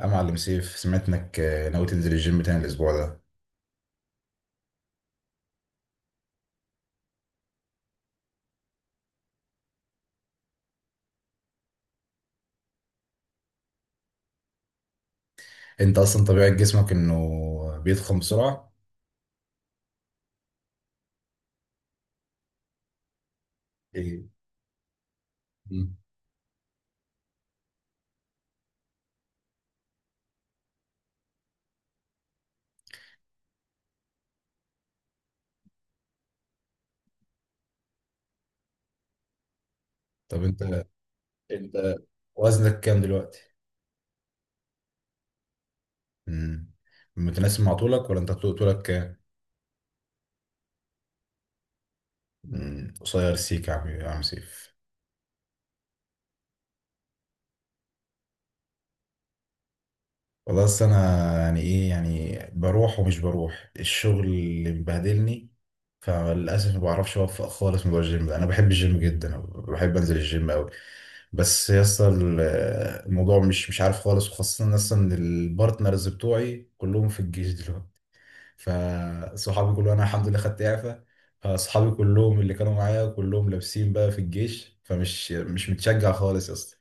يا معلم سيف، سمعت انك ناوي تنزل الجيم تاني الاسبوع ده. انت اصلا طبيعة جسمك انه بيضخم بسرعة. ايه؟ مم. طب انت وزنك كام دلوقتي؟ مم. متناسب مع طولك ولا انت طولك كام؟ مم. قصير سيك يا عم، يا عم سيف. والله اصل انا يعني ايه، يعني بروح ومش بروح، الشغل اللي مبهدلني. فللاسف ما بعرفش اوفق خالص موضوع الجيم ده. انا بحب الجيم جدا، بحب انزل الجيم قوي، بس يا اسطى الموضوع مش عارف خالص. وخاصه اصلا ان البارتنرز بتوعي كلهم في الجيش دلوقتي. فصحابي كلهم، انا الحمد لله خدت اعفاء، فصحابي كلهم اللي كانوا معايا كلهم لابسين بقى في الجيش، فمش مش متشجع خالص يا اسطى.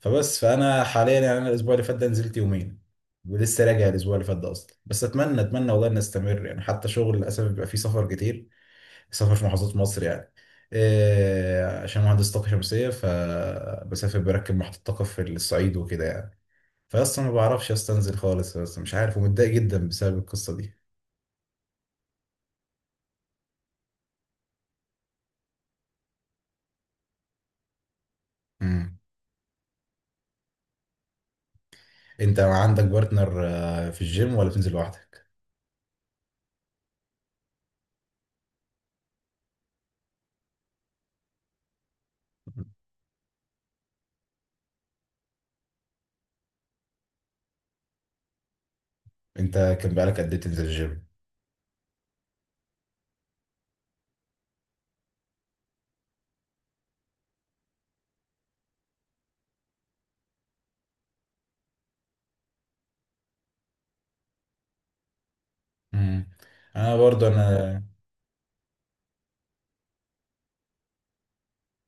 فبس فانا حاليا يعني، انا الاسبوع اللي فات ده نزلت يومين، ولسه راجع الاسبوع اللي فات ده اصلا. بس اتمنى، اتمنى والله، ان استمر يعني. حتى شغل للاسف بيبقى فيه سفر كتير، سفر في محافظات مصر يعني. إيه، عشان مهندس طاقه شمسيه، فبسافر بركب محطه طاقه في الصعيد وكده يعني. فاصلا ما بعرفش استنزل خالص، بس مش عارف ومتضايق جدا بسبب القصه دي. امم. انت عندك بارتنر في الجيم ولا بتنزل لوحدك؟ انت كان بقالك قد ايه تنزل الجيم؟ امم. انا برضو،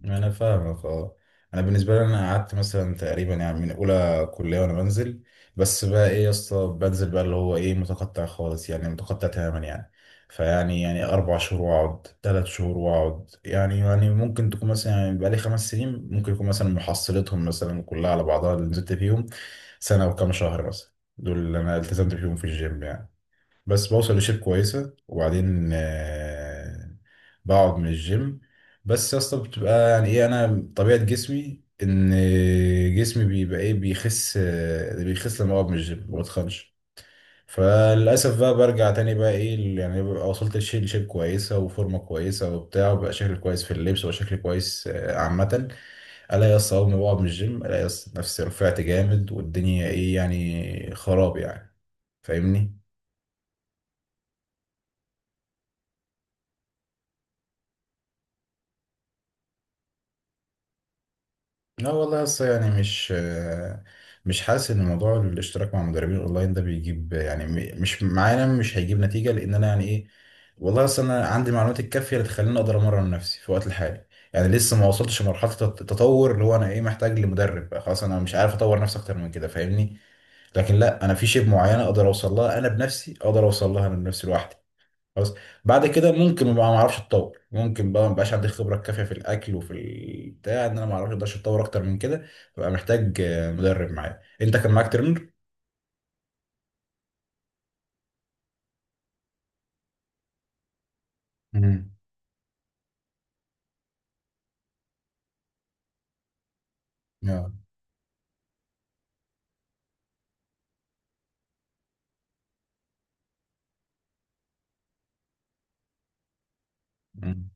انا فاهمك، اه. انا بالنسبه لي، انا قعدت مثلا تقريبا يعني من اولى كليه وانا بنزل، بس بقى ايه يا اسطى، بنزل بقى اللي هو ايه، متقطع خالص يعني، متقطع تماما يعني. فيعني اربع شهور واقعد، ثلاث شهور واقعد. يعني يعني ممكن تكون مثلا يعني بقى لي خمس سنين، ممكن يكون مثلا محصلتهم مثلا كلها على بعضها اللي نزلت فيهم سنه وكام شهر مثلا. دول اللي انا التزمت فيهم في الجيم يعني. بس بوصل لشيب كويسة وبعدين بقعد من الجيم. بس يا اسطى، بتبقى يعني ايه، انا طبيعة جسمي ان جسمي بيبقى ايه، بيخس، بيخس لما بقعد من الجيم، ما بتخنش. فللأسف بقى برجع تاني بقى ايه يعني، ببقى وصلت لشيب، لشيب كويسة وفورمة كويسة وبتاع، وبقى شكل كويس في اللبس، وبقى شكل كويس عامة. الاقي يا اسطى، اول ما بقعد من الجيم، الاقي يا اسطى نفسي رفعت جامد، والدنيا ايه يعني، خراب يعني. فاهمني. لا والله لسه يعني، مش حاسس ان موضوع الاشتراك مع مدربين اونلاين ده بيجيب يعني، مش معانا، مش هيجيب نتيجه، لان انا يعني ايه، والله اصل انا عندي المعلومات الكافيه اللي تخليني اقدر امرن نفسي في الوقت الحالي. يعني لسه ما وصلتش لمرحله التطور اللي هو انا ايه، محتاج لمدرب بقى خلاص، انا مش عارف اطور نفسي اكتر من كده فاهمني. لكن لا، انا في شيء معينه اقدر اوصل لها انا بنفسي، اقدر اوصل لها انا بنفسي لوحدي، خلاص. بعد كده ممكن بقى ما اعرفش اتطور، ممكن بقى ما بقاش عندي الخبره الكافيه في الاكل وفي البتاع، ان انا ما اعرفش اقدرش اتطور اكتر من كده، ببقى محتاج مدرب معايا. انت كان معاك ترينر؟ مم. اه. مم.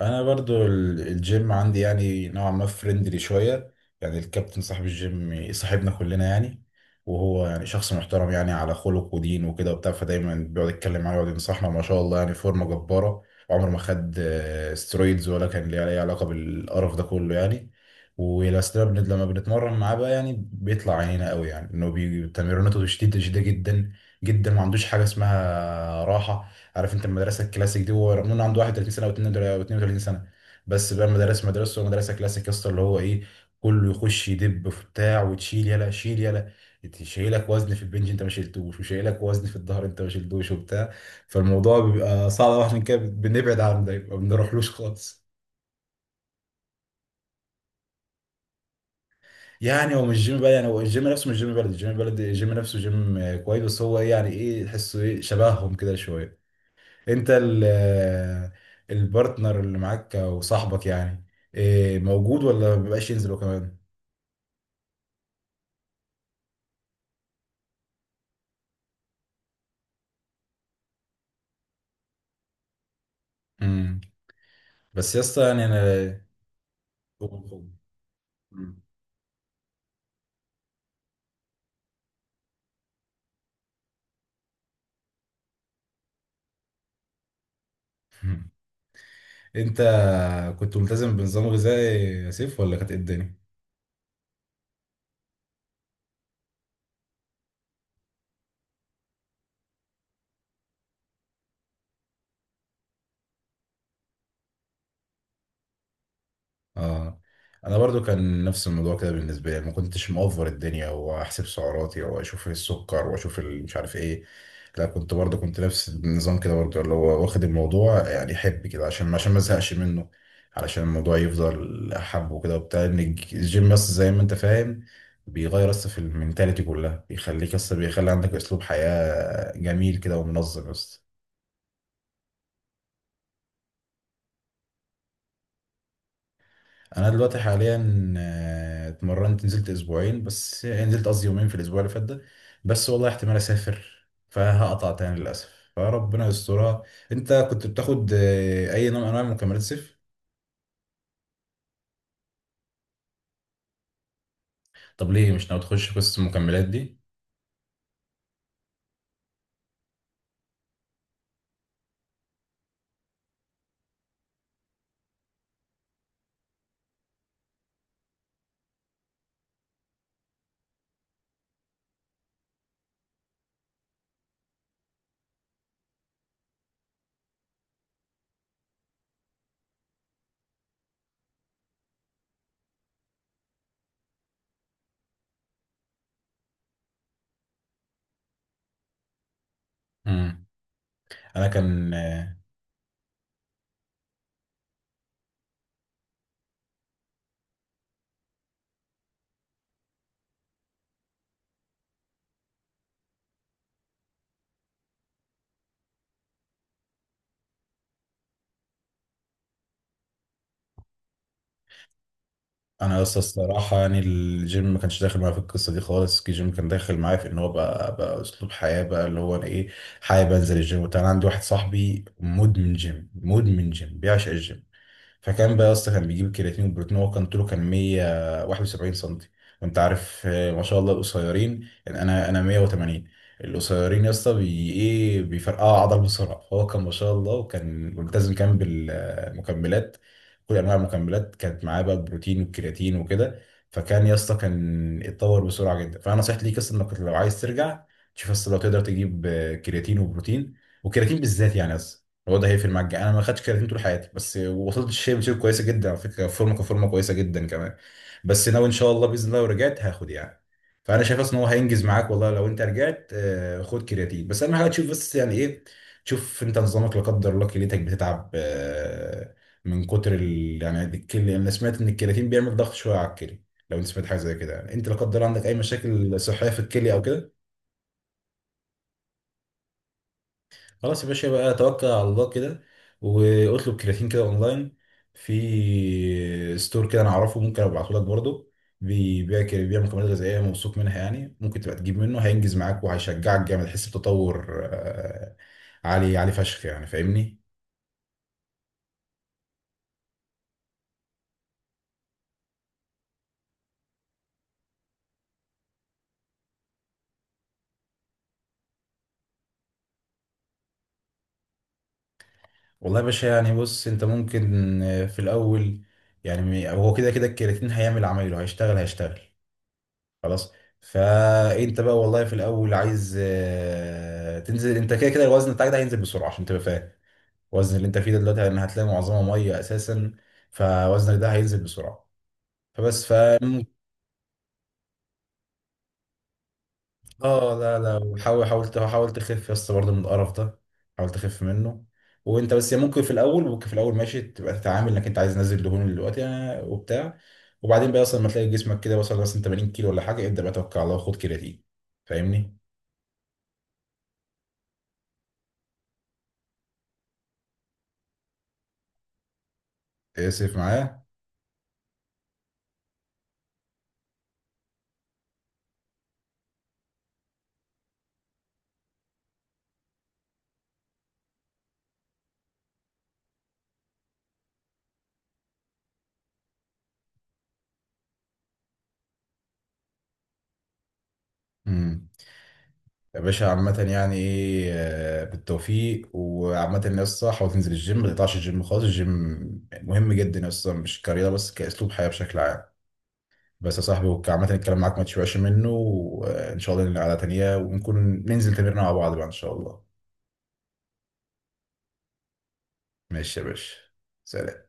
انا برضو الجيم عندي يعني نوعا ما فريندلي شويه. يعني الكابتن صاحب الجيم صاحبنا كلنا يعني. وهو يعني شخص محترم يعني، على خلق ودين وكده وبتاع، فدايما بيقعد يتكلم معايا ويقعد ينصحنا، ما شاء الله يعني فورمه جباره، وعمره ما خد سترويدز ولا كان ليه اي علاقه بالقرف ده كله يعني. ولما لما بنتمرن معاه بقى يعني بيطلع عينينا قوي يعني، انه تمريناته شديده جدا جدا، ما عندوش حاجه اسمها راحه. عارف انت المدرسه الكلاسيك دي. هو رغم انه عنده 31 سنه او 32 سنه، بس بقى مدرسه، مدرسه كلاسيك يا اسطى اللي هو ايه، كله يخش يدب في بتاع، وتشيل يلا، شيل يلا، شايلك وزن في البنج انت ما شلتوش، وشايلك وزن في الظهر انت ما شلتوش، وبتاع. فالموضوع بيبقى صعب قوي، عشان كده بنبعد عنه، ده ما بنروحلوش خالص. يعني هو مش جيم بلد، يعني هو الجيم نفسه مش جيم بلد، الجيم بلد، الجيم نفسه جيم كويس، بس هو إيه، يعني ايه، تحسه ايه، شبههم كده شويه. انت البارتنر اللي معاك او صاحبك يعني، إيه، موجود ولا مبيبقاش ينزلوا كمان؟ امم. بس يا اسطى يعني انا مم. انت كنت ملتزم بنظام غذائي يا سيف ولا كانت ايه الدنيا؟ اه. انا برضو كان نفس الموضوع كده بالنسبه لي، ما كنتش مأفور الدنيا واحسب سعراتي واشوف السكر واشوف مش عارف ايه. لا، كنت برضو، كنت نفس النظام كده برضو اللي هو واخد الموضوع يعني حب كده، عشان ما ازهقش منه، علشان الموضوع يفضل احبه كده وبتاع. ان الجيم بس زي ما انت فاهم بيغير اصلا في المينتاليتي كلها، بيخليك اصلا، بيخلي عندك اسلوب حياه جميل كده ومنظم. بس انا دلوقتي حاليا اتمرنت، نزلت اسبوعين بس يعني، نزلت قصدي يومين في الاسبوع اللي فات ده. بس والله احتمال اسافر فهقطع تاني للاسف، فربنا يسترها. انت كنت بتاخد اي نوع من انواع مكملات صيف؟ طب ليه مش ناوي تخش قصه المكملات دي؟ مم. انا كان انا لسه الصراحه يعني، الجيم ما كانش داخل معايا في القصه دي خالص. الجيم كان داخل معايا في ان هو بقى، بقى اسلوب حياه بقى اللي هو انا ايه، حابب انزل الجيم وبتاع. انا عندي واحد صاحبي مدمن جيم، مدمن جيم بيعشق الجيم. فكان بقى يا اسطى كان بيجيب الكرياتين والبروتين. هو كان طوله كان 171 سنتي، وانت عارف ما شاء الله القصيرين يعني، انا 180. القصيرين يا اسطى بي ايه، بيفرقعوا عضل بسرعه. فهو كان ما شاء الله وكان ملتزم كان بالمكملات، كل انواع المكملات كانت معاه بقى، البروتين والكرياتين وكده. فكان يا اسطى كان اتطور بسرعه جدا. فانا نصيحتي ليك اصلا انك لو عايز ترجع، تشوف اصلا لو تقدر تجيب كرياتين وبروتين، والكرياتين بالذات يعني هو ده هيقفل معاك. انا ما خدتش كرياتين طول حياتي، بس وصلت الشيب، شيب كويسه جدا على فكره، فورمه كفورمه كويسه جدا كمان. بس ناوي ان شاء الله باذن الله لو رجعت هاخد يعني. فانا شايف اصلا ان هو هينجز معاك والله. لو انت رجعت خد كرياتين، بس اهم حاجه تشوف بس يعني ايه، تشوف انت نظامك لا قدر الله كليتك بتتعب من كتر ال... يعني الكلي... انا سمعت ان الكرياتين بيعمل ضغط شويه على الكلي. لو انت سمعت حاجه زي كده يعني، انت لا قدر الله عندك اي مشاكل صحيه في الكلي او كده؟ خلاص يا باشا، بقى توكل على الله كده، واطلب كرياتين كده اونلاين. في ستور كده انا اعرفه ممكن ابعته لك برضه، بيبيع كده، بيبيع مكملات غذائيه موثوق منها يعني، ممكن تبقى تجيب منه، هينجز معاك وهيشجعك جامد، تحس بتطور آه، عالي، عالي فشخ يعني، فاهمني. والله يا باشا يعني بص، انت ممكن في الاول يعني، هو كده كده الكرياتين هيعمل عمايله، هيشتغل، خلاص. فانت بقى والله في الاول عايز تنزل، انت كده كده الوزن بتاعك ده هينزل بسرعه، عشان تبقى فاهم الوزن اللي انت فيه ده دلوقتي، لان هتلاقي معظمه ميه اساسا. فوزنك ده هينزل بسرعه. فبس ف اه لا لا، وحاول، حاول تخف يا اسطى برضه من القرف ده، حاول تخف منه. وانت بس ممكن في الاول، ممكن في الاول ماشي، تبقى تتعامل انك انت عايز نازل دهون دلوقتي وبتاع. وبعدين بقى اصلا ما تلاقي جسمك كده وصل مثلا 80 كيلو ولا حاجه، ابدا بقى توكل على الله وخد كرياتين. فاهمني؟ اسف معايا. امم. يا باشا عامة يعني ايه، بالتوفيق. وعامة يا اسطى، حاول تنزل الجيم، ما تقطعش الجيم خالص. الجيم مهم جدا يا اسطى، مش كرياضة بس، كأسلوب حياة بشكل عام. بس يا صاحبي عامة الكلام معاك ما تشبعش منه، وإن شاء الله لنا قعدة تانية ونكون ننزل تمرين مع بعض بقى إن شاء الله. ماشي يا باشا، سلام.